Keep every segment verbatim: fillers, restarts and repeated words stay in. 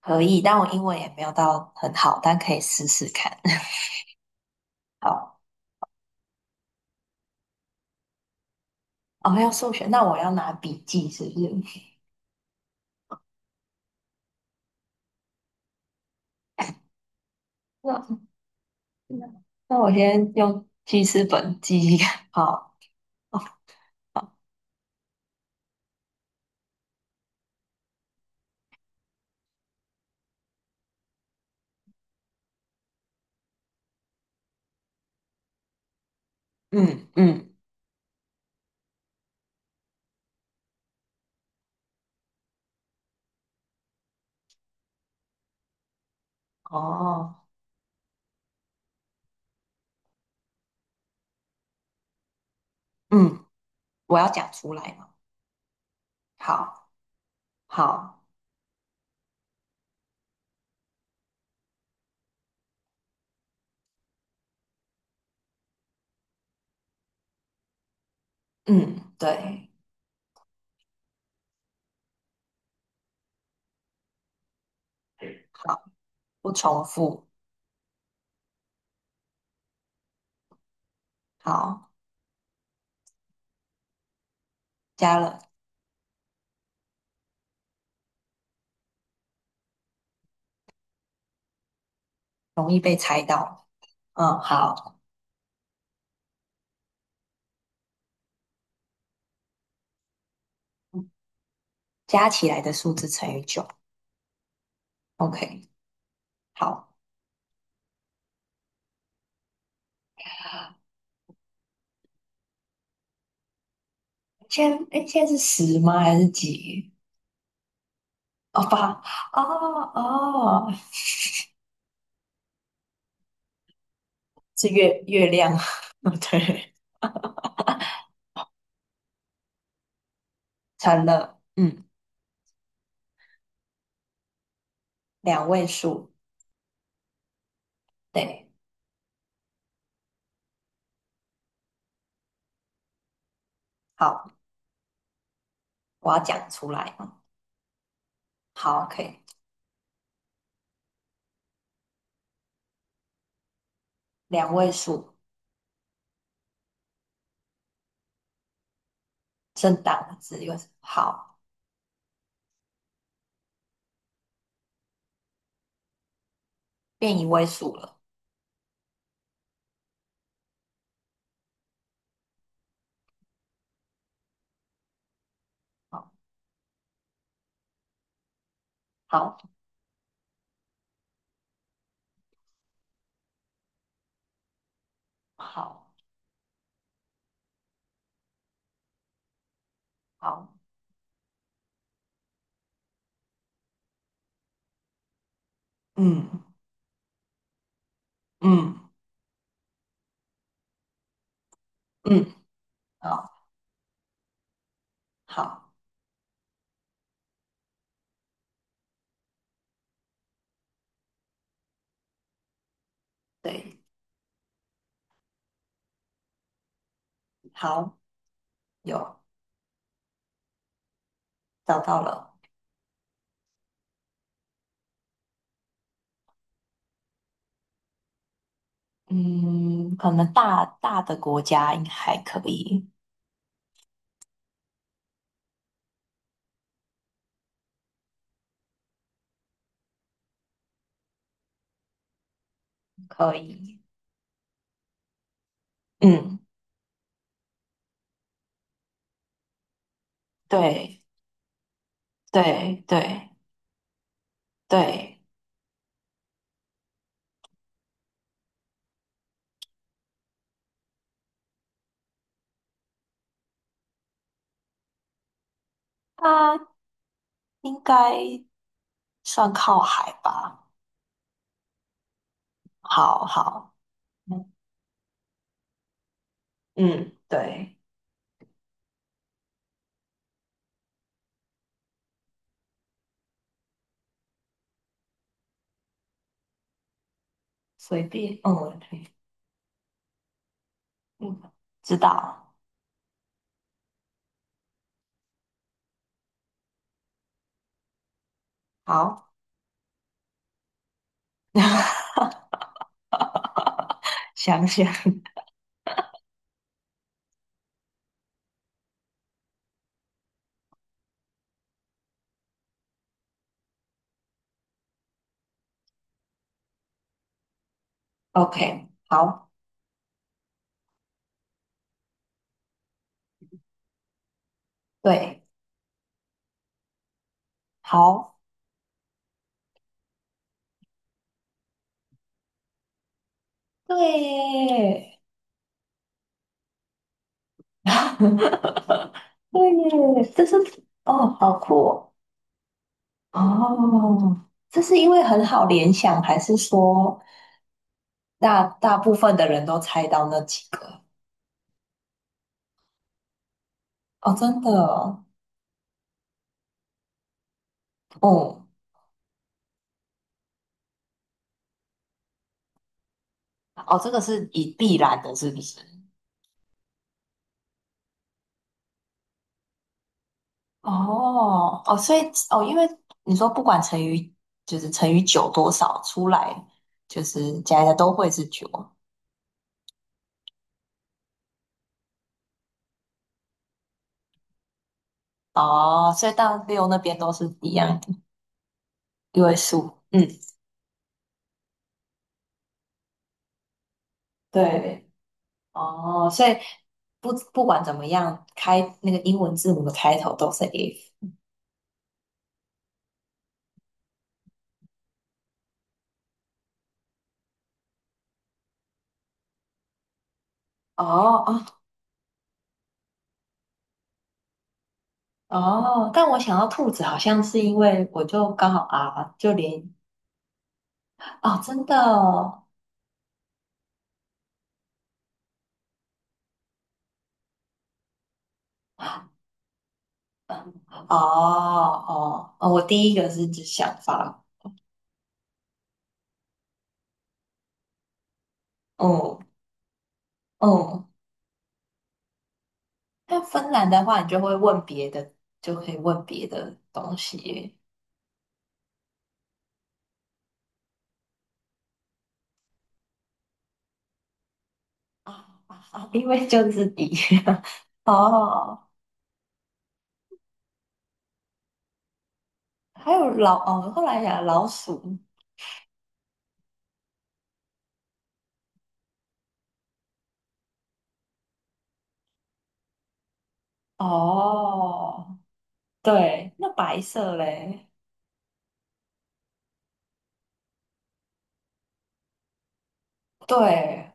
可以，但我英文也没有到很好，但可以试试看。好，哦，要数学，那我要拿笔记，是不是？那那那我先用记事本记一下。好，哦好，嗯嗯，哦，嗯，我要讲出来嘛。好，好，嗯，对，好，不重复，好，加了，容易被猜到。嗯，好，加起来的数字乘以九。OK，好，现在哎，诶现在是十吗？还是几？哦，八哦哦，是月月亮，对，成了，嗯，两位数，对，好，我要讲出来嗯，好，可以，两位数，正当的字又是好，变一位数了，好，好，好，好，嗯嗯嗯，好，好，对，好，有找到了，嗯，可能大大的国家应该还可以。可以。嗯，对对对对，它应该算靠海吧？好好，嗯，嗯，对，随便，嗯嗯，知道，好，想想，OK，好，对，好，对 对耶，这是哦，好酷哦。哦，这是因为很好联想，还是说大大部分的人都猜到那几个？哦，真的哦，哦，哦，这个是以必然的，是不是？哦，哦，所以哦，因为你说不管乘以就是乘以九多少出来，就是加一加都会是九。哦，所以到六那边都是一样的一位数。嗯，对。哦，所以不不管怎么样，开那个英文字母的开头都是 if。哦哦哦，但我想到兔子好像是因为我就刚好 R 就连哦，真的哦，嗯哦哦哦，我第一个是指想法，哦哦，那芬兰的话，你就会问别的，就可以问别的东西，啊啊啊！因为就是底 哦，还有老哦，后来讲老鼠哦，对，那白色嘞，对，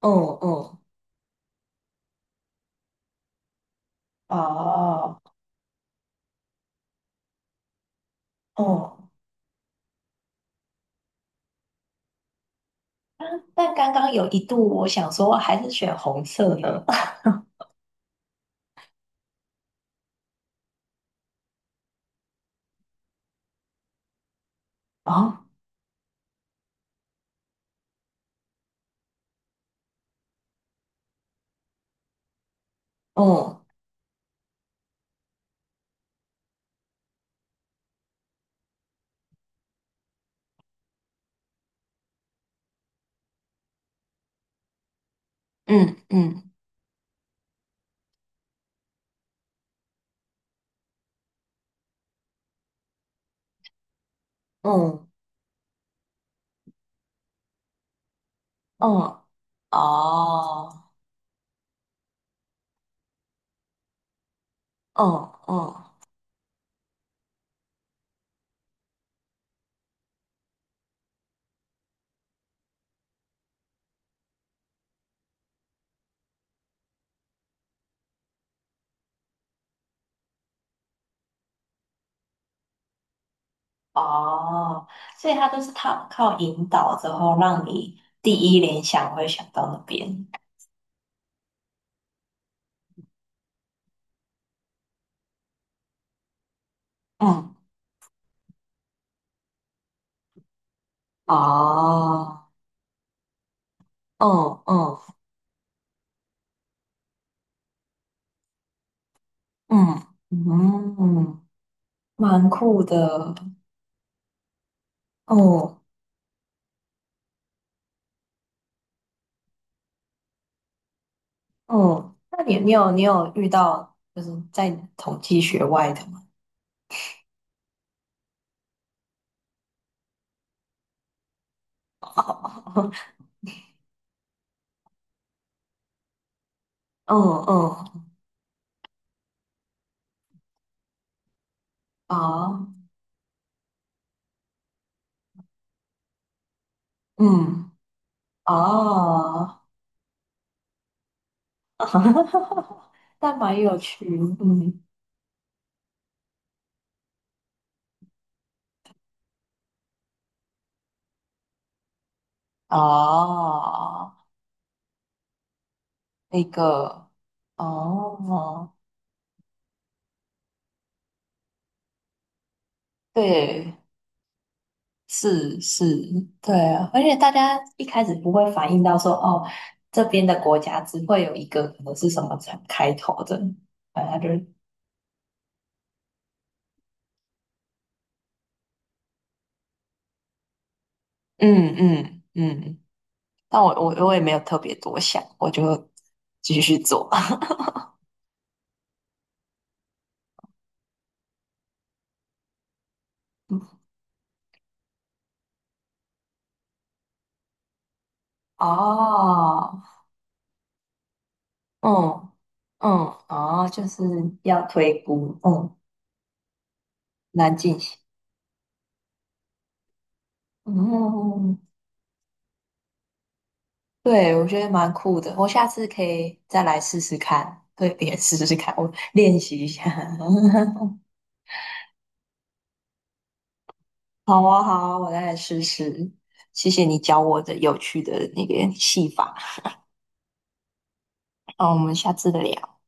嗯嗯，哦哦，但刚刚有一度我想说还是选红色呢，哦，嗯。嗯嗯嗯，嗯，哦，嗯嗯哦，所以他都是靠靠引导之后，让你第一联想会想到那边。嗯，哦，嗯嗯嗯嗯，蛮酷的。哦哦，那你你有你有遇到就是在统计学外的吗？哦哦，哦嗯哦。但蛮有趣，嗯，哦，那个，哦，对，是是，对啊，而且大家一开始不会反应到说，哦，这边的国家只会有一个可能是什么才开头的，反正就是嗯嗯嗯，但我我我也没有特别多想，我就继续做。哦，嗯嗯，哦，就是要推估，嗯，难进行。嗯，对，我觉得蛮酷的，我下次可以再来试试看，对别人试试看，我练习一下。好啊，好啊，我再来试试。谢谢你教我的有趣的那个戏法，那我们下次再聊。